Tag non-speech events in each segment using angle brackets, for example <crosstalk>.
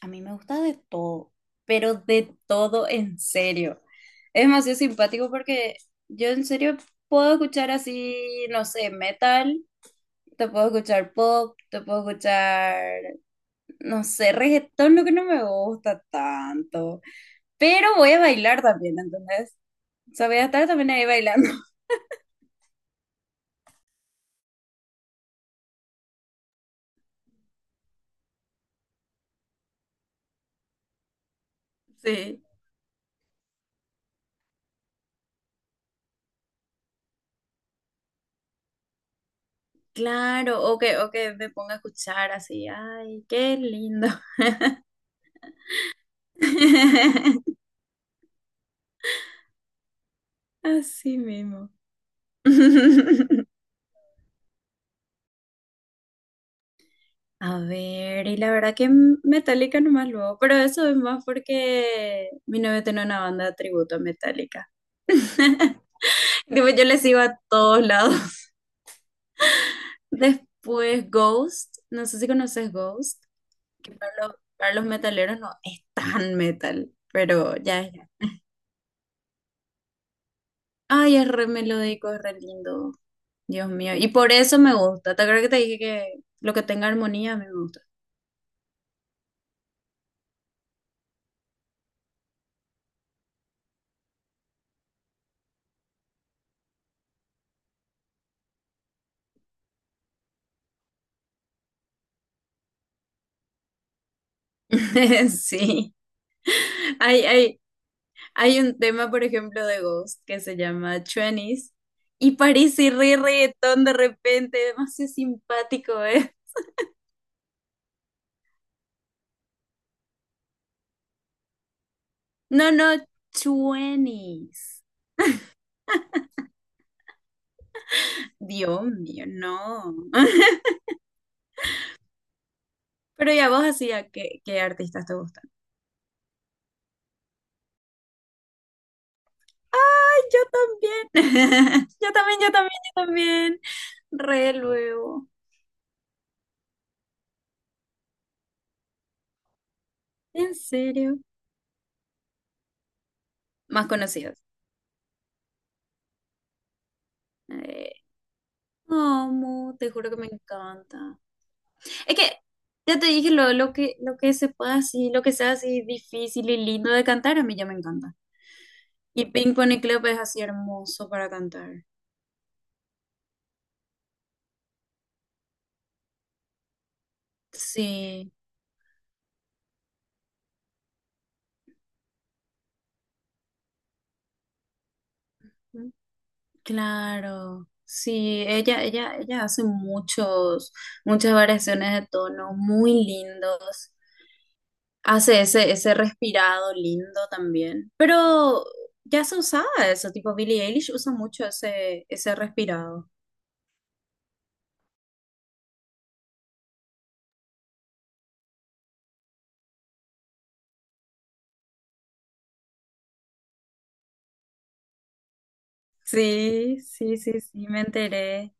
A mí me gusta de todo, pero de todo en serio. Es demasiado simpático porque yo en serio puedo escuchar así, no sé, metal, te puedo escuchar pop, te puedo escuchar, no sé, reggaetón, lo que no me gusta tanto. Pero voy a bailar también, ¿entendés? O sea, voy a estar también ahí bailando. <laughs> Sí. Claro, o que me ponga a escuchar así, ay, qué lindo. <laughs> Así mismo. <laughs> A ver, y la verdad que Metallica nomás luego, pero eso es más porque mi novio tiene una banda de tributo a Metallica. <laughs> Tipo, yo le sigo a todos lados. <laughs> Después Ghost, no sé si conoces Ghost, que para los metaleros no es tan metal, pero ya es. Ay, es re melódico, es re lindo, Dios mío. Y por eso me gusta. ¿Te acuerdas que te dije que lo que tenga armonía a mí me gusta? <laughs> Sí. Ay, ay. Hay un tema, por ejemplo, de Ghost que se llama Twenties y parece re reggaetón de repente, demasiado simpático, ¿eh? No, no, Twenties. Dios mío, no. <laughs> ¿Pero ya vos hacía qué artistas te gustan? ¡Ay, yo también! <laughs> Yo también, yo también, yo también. Re luego. En serio. Más conocidos. Eh, amo, te juro que me encanta. Es que ya te dije lo que se pueda así, lo que sea así difícil y lindo de cantar, a mí ya me encanta. Y Pink Pony Club es así hermoso para cantar. Sí, claro. Sí, ella hace muchas variaciones de tono muy lindos. Hace ese respirado lindo también. Pero ya se usaba eso, tipo Billie Eilish usa mucho ese respirado. Sí, sí, sí, sí, me enteré.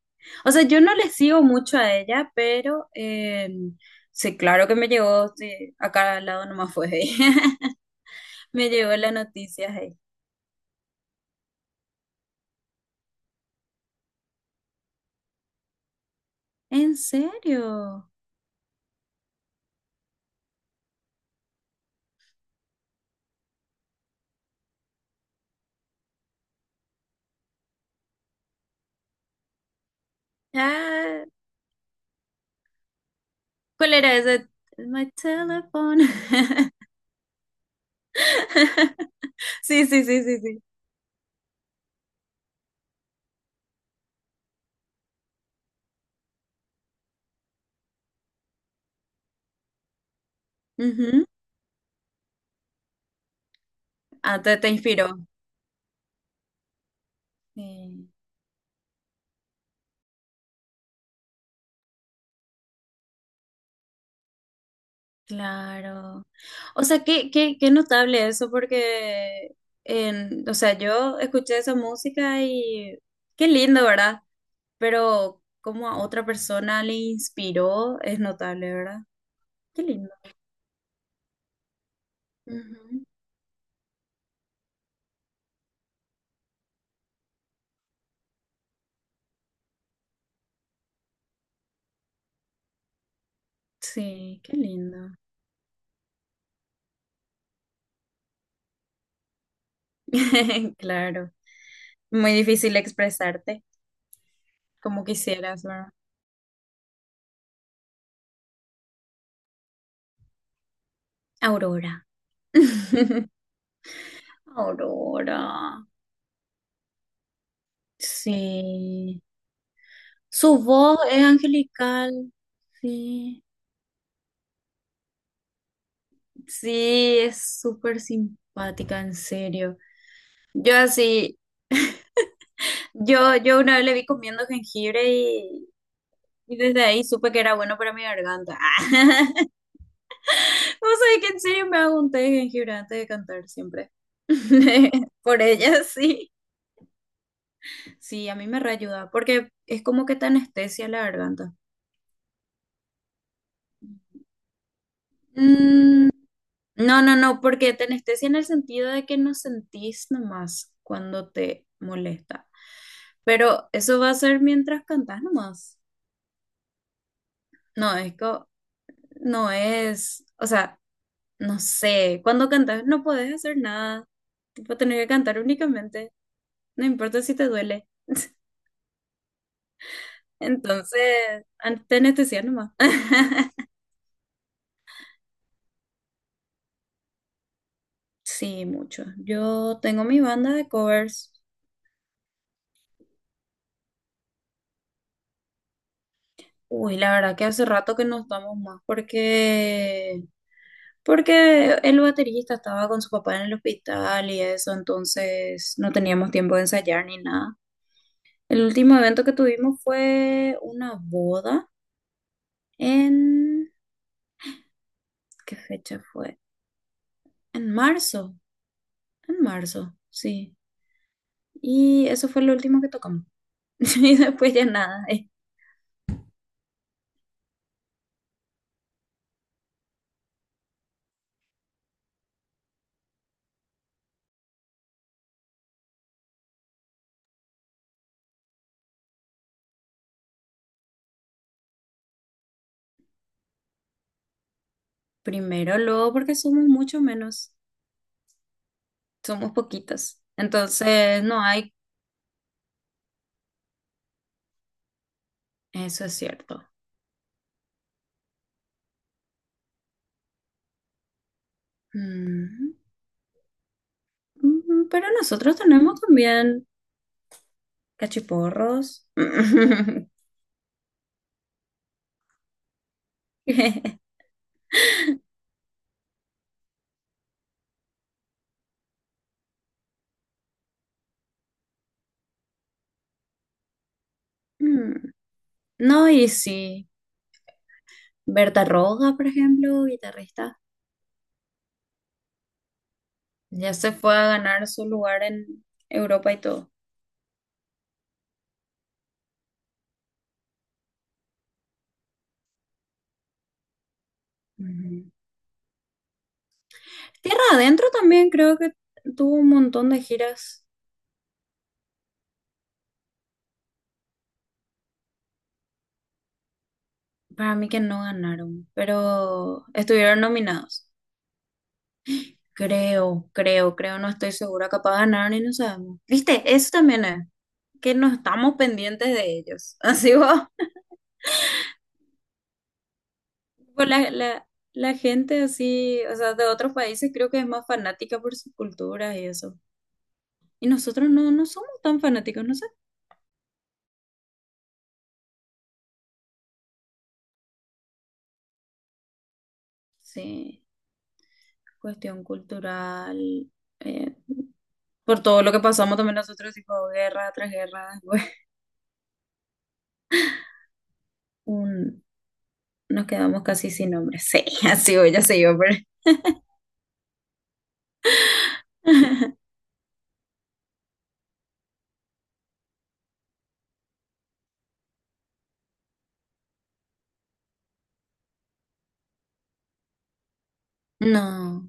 O sea, yo no le sigo mucho a ella, pero sí, claro que me llegó, sí, acá al lado nomás fue ahí. <laughs> Me llegó las noticias ahí. ¿En serio? Ah, ¿cuál era ese? My telephone. <laughs> Sí, sí, sí, sí, sí. Ujú. Ah, te inspiró. Sí. Claro. O sea, qué notable eso, porque o sea, yo escuché esa música y qué lindo, ¿verdad? Pero como a otra persona le inspiró, es notable, ¿verdad? Qué lindo. Ujú. Sí, qué lindo. <laughs> Claro. Muy difícil expresarte como quisieras, ¿verdad? Aurora. <laughs> Aurora. Sí. Su voz es angelical. Sí. Sí, es súper simpática, en serio. Yo así, yo una vez le vi comiendo jengibre y, desde ahí supe que era bueno para mi garganta. <laughs> Vos sabés que en serio me hago un té de jengibre antes de cantar siempre. <laughs> Por ella, sí. Sí, a mí me reayuda, porque es como que te anestesia la garganta. No, no, no, porque te anestesia en el sentido de que no sentís nomás cuando te molesta. Pero eso va a ser mientras cantás nomás. No, es que no es, o sea, no sé, cuando cantas no podés hacer nada. Tipo, tenés que cantar únicamente, no importa si te duele. Entonces, te anestesia nomás. <laughs> Sí, mucho. Yo tengo mi banda de covers. Uy, la verdad que hace rato que no estamos más porque el baterista estaba con su papá en el hospital y eso, entonces no teníamos tiempo de ensayar ni nada. El último evento que tuvimos fue una boda en ¿qué fecha fue? En marzo, en marzo, sí. Y eso fue lo último que tocamos. <laughs> Y después ya nada. Primero, luego, porque somos mucho menos, somos poquitas. Entonces, no hay, eso es cierto. Mm, Pero nosotros tenemos también cachiporros. <laughs> Mm, No, y sí, Berta Roja, por ejemplo, guitarrista, ya se fue a ganar su lugar en Europa y todo. Mm. Tierra Adentro también creo que tuvo un montón de giras, para mí que no ganaron, pero estuvieron nominados. Creo, no estoy segura, capaz ganaron y no sabemos. ¿Viste? Eso también es, que no estamos pendientes de ellos. <laughs> Así vos, tipo, la gente así, o sea, de otros países creo que es más fanática por sus culturas y eso. Y nosotros no, no somos tan fanáticos, no sé. Sí, cuestión cultural, eh, por todo lo que pasamos también nosotros, tipo guerra tras guerra, después un- nos quedamos casi sin nombre. Sí, <laughs> así voy, ya se iba, pero... <laughs> No,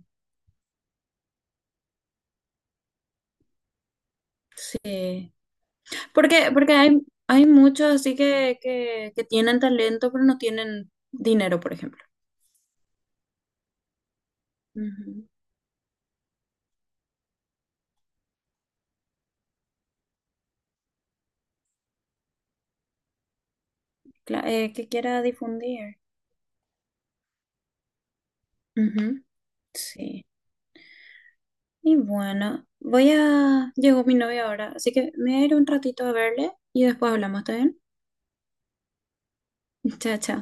sí. Porque hay muchos así que tienen talento, pero no tienen dinero, por ejemplo. Ujú. Que quiera difundir. Ujú, sí. Y bueno, voy a... Llegó mi novia ahora, así que me voy a ir un ratito a verle y después hablamos, ¿está bien? Chao, chao.